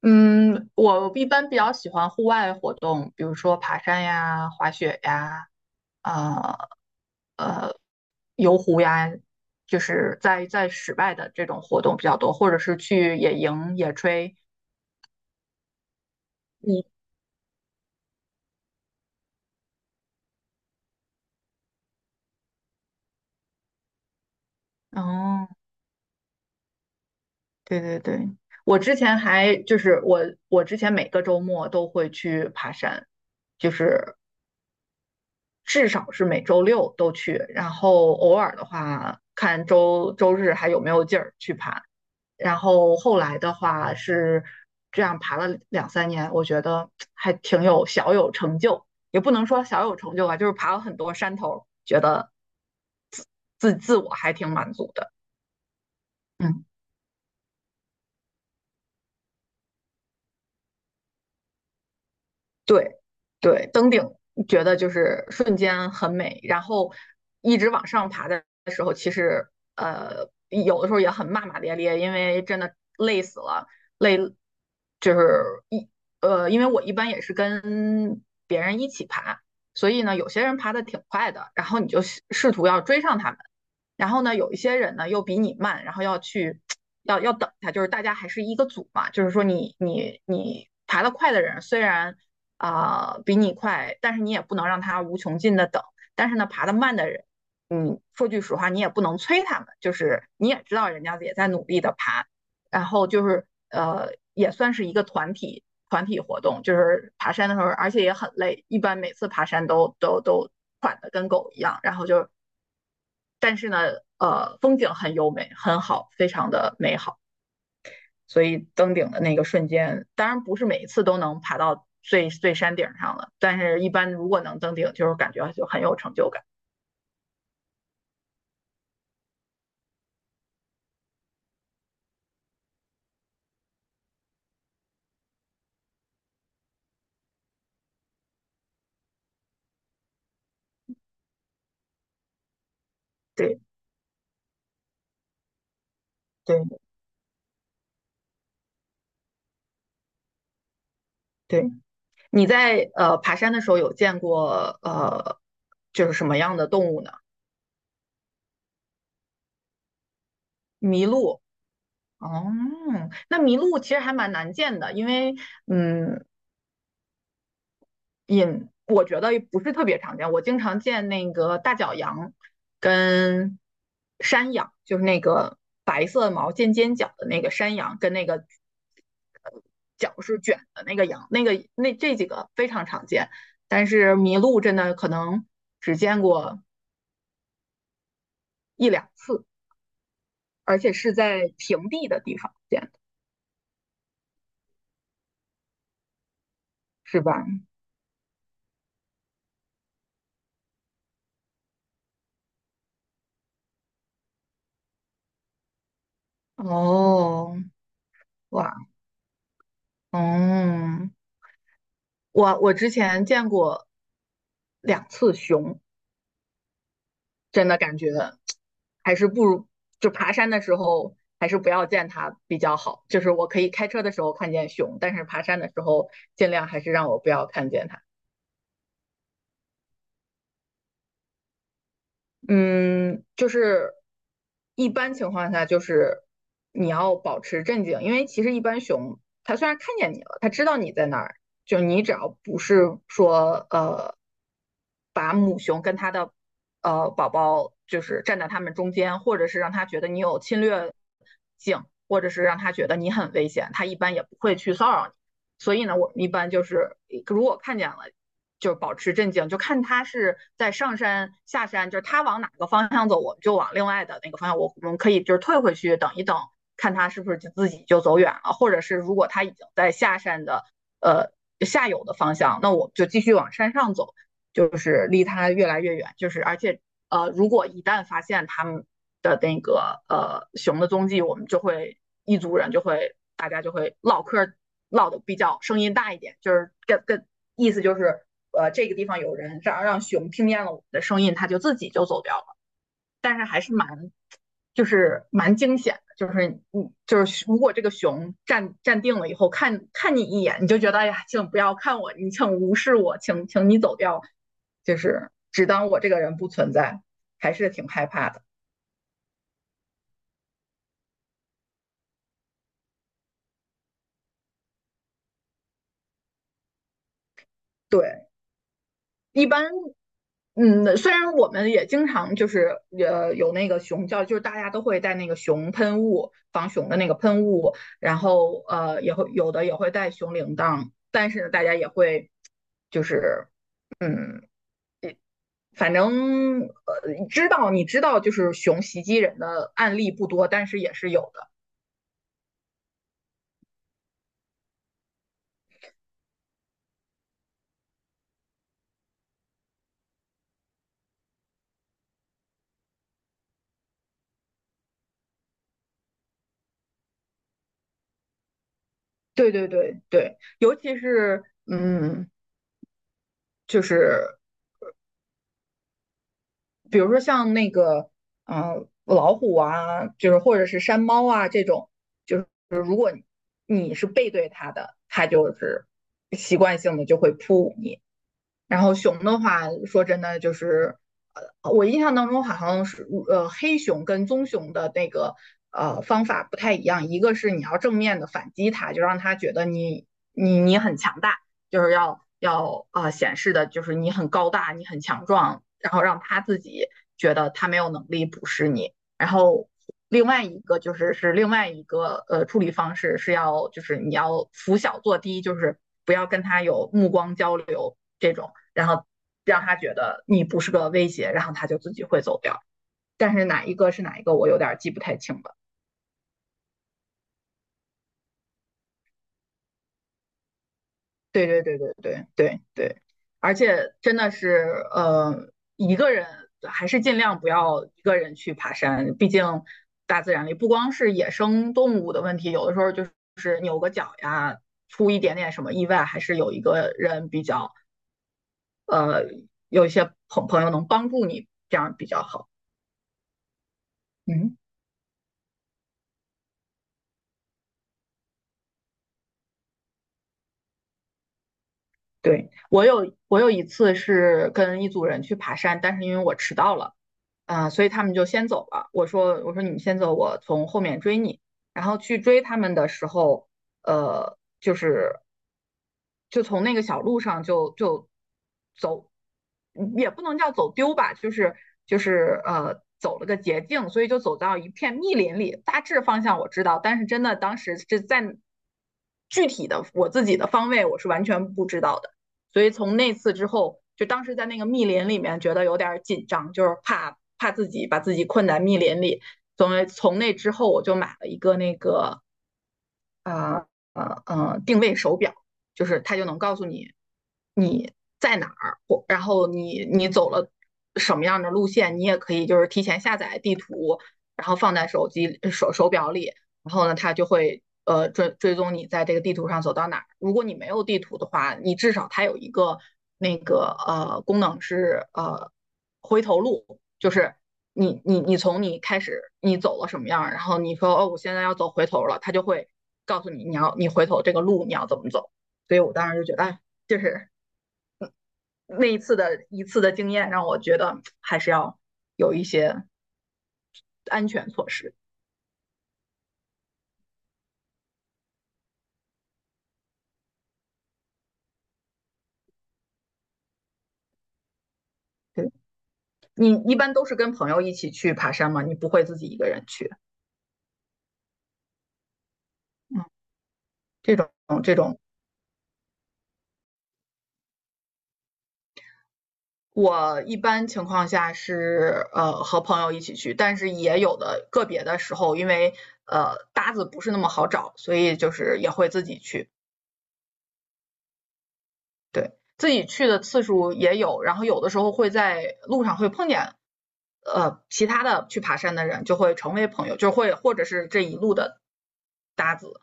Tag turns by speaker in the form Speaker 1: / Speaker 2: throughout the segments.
Speaker 1: 嗯，我一般比较喜欢户外活动，比如说爬山呀、滑雪呀、呃呃游湖呀，就是在室外的这种活动比较多，或者是去野营、野炊。嗯。哦。对对对，我之前还就是我我之前每个周末都会去爬山，就是至少是每周六都去，然后偶尔的话看周日还有没有劲儿去爬。然后后来的话是这样爬了两三年，我觉得还挺有小有成就，也不能说小有成就吧，就是爬了很多山头，觉得自自我还挺满足的。嗯。对对，登顶觉得就是瞬间很美，然后一直往上爬的时候，其实有的时候也很骂骂咧咧，因为真的累死了。累就是一呃，因为我一般也是跟别人一起爬，所以呢有些人爬的挺快的，然后你就试图要追上他们，然后呢有一些人呢又比你慢，然后要去要要等他，就是大家还是一个组嘛，就是说你爬得快的人虽然，比你快，但是你也不能让他无穷尽的等。但是呢，爬得慢的人，说句实话，你也不能催他们，就是你也知道人家也在努力的爬，然后就是，呃，也算是一个团体活动，就是爬山的时候，而且也很累，一般每次爬山都喘的跟狗一样。然后就，但是呢，风景很优美，很好，非常的美好。所以登顶的那个瞬间，当然不是每一次都能爬到最最山顶上了，但是一般如果能登顶，就是感觉就很有成就感。对对对。你在爬山的时候有见过就是什么样的动物呢？麋鹿。哦，那麋鹿其实还蛮难见的，因为嗯，我觉得不是特别常见。我经常见那个大角羊跟山羊，就是那个白色毛尖尖角的那个山羊，跟那个呃角是卷的那个羊，那个那这几个非常常见，但是麋鹿真的可能只见过一两次，而且是在平地的地方见的。是吧？哦。哇。嗯。我之前见过两次熊，真的感觉还是不如就爬山的时候还是不要见它比较好。就是我可以开车的时候看见熊，但是爬山的时候尽量还是让我不要看见它。嗯，就是一般情况下，就是你要保持镇静，因为其实一般熊它虽然看见你了，它知道你在哪儿，就你只要不是说把母熊跟它的宝宝就是站在它们中间，或者是让它觉得你有侵略性，或者是让它觉得你很危险，它一般也不会去骚扰你。所以呢，我们一般就是如果看见了，就保持镇静，就看他是在上山下山，就是他往哪个方向走，我们就往另外的那个方向，我们可以就是退回去等一等，看他是不是就自己就走远了，或者是如果他已经在下山的呃下游的方向，那我们就继续往山上走，就是离他越来越远。就是而且，呃，如果一旦发现他们的那个熊的踪迹，我们就会一族人就会唠嗑，唠的比较声音大一点，就是意思就是这个地方有人，让熊听见了我们的声音，它就自己就走掉了。但是还是蛮惊险的，就是你就是如果这个熊站定了以后看看你一眼，你就觉得哎呀，请不要看我，你请无视我，请你走掉，就是只当我这个人不存在，还是挺害怕的。对。一般，虽然我们也经常就是有那个熊叫，就是大家都会带那个熊喷雾、防熊的那个喷雾，然后也会有的也会带熊铃铛，但是呢，大家也会就是嗯，反正知道你知道就是熊袭击人的案例不多，但是也是有的。对对对对。尤其是，就是比如说像那个，老虎啊，就是或者是山猫啊这种，就是如果你是背对它的，它就是习惯性的就会扑你。然后熊的话，说真的就是，我印象当中好像是，黑熊跟棕熊的那个方法不太一样，一个是你要正面的反击它，就让它觉得你很强大，就是要显示的就是你很高大，你很强壮，然后让它自己觉得它没有能力捕食你。然后另外一个就是另外一个处理方式是要就是你要拂小作低，就是不要跟他有目光交流这种，然后让他觉得你不是个威胁，然后他就自己会走掉。但是哪一个是哪一个，我有点记不太清了。对对对对对对对。而且真的是，一个人还是尽量不要一个人去爬山，毕竟大自然里不光是野生动物的问题，有的时候就是扭个脚呀，出一点点什么意外，还是有一个人比较，呃，有一些朋友能帮助你，这样比较好。嗯。对，我有一次是跟一组人去爬山，但是因为我迟到了。所以他们就先走了。我说你们先走，我从后面追你。然后去追他们的时候，就是就从那个小路上就走，嗯，也不能叫走丢吧，就是走了个捷径，所以就走到一片密林里。大致方向我知道，但是真的当时是在具体的我自己的方位我是完全不知道的。所以从那次之后，就当时在那个密林里面觉得有点紧张，就是怕自己把自己困在密林里。所以从那之后，我就买了一个那个呃定位手表，就是它就能告诉你你在哪儿，或然后你走了什么样的路线，你也可以就是提前下载地图，然后放在手机手手表里，然后呢，它就会追踪你在这个地图上走到哪儿。如果你没有地图的话，你至少它有一个那个功能是回头路，就是你从你开始你走了什么样，然后你说哦，我现在要走回头了，他就会告诉你你回头这个路你要怎么走。所以我当时就觉得，哎，就是那一次的经验让我觉得还是要有一些安全措施。对。你一般都是跟朋友一起去爬山吗？你不会自己一个人去。嗯。这种这种我一般情况下是和朋友一起去，但是也有的个别的时候，因为搭子不是那么好找，所以就是也会自己去。对。自己去的次数也有，然后有的时候会在路上会碰见其他的去爬山的人，就会成为朋友，或者是这一路的搭子，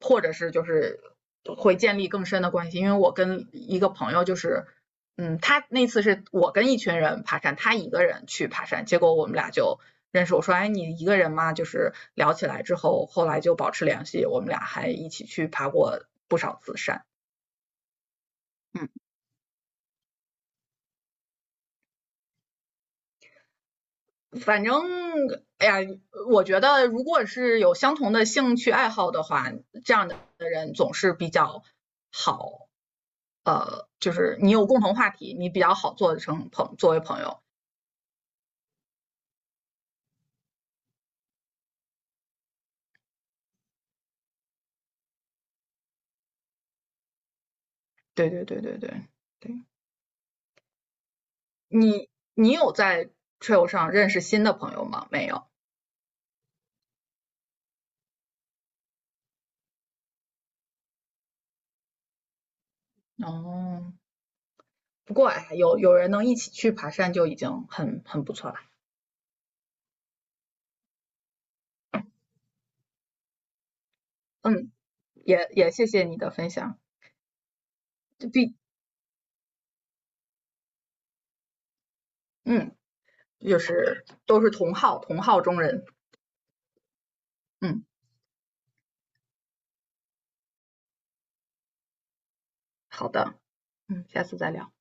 Speaker 1: 或者是就是会建立更深的关系。因为我跟一个朋友就是，他那次是我跟一群人爬山，他一个人去爬山，结果我们俩就认识。我说，哎，你一个人吗？就是聊起来之后，后来就保持联系，我们俩还一起去爬过不少次山。嗯。反正，哎呀，我觉得如果是有相同的兴趣爱好的话，这样的人总是比较好。就是你有共同话题，你比较好做成朋作为朋友。对对对对对对。你有在 trail 上认识新的朋友吗？没有。哦，不过哎，有人能一起去爬山就已经很不错了。嗯。也谢谢你的分享。就毕嗯，就是都是同好中人。嗯。好的。嗯。下次再聊。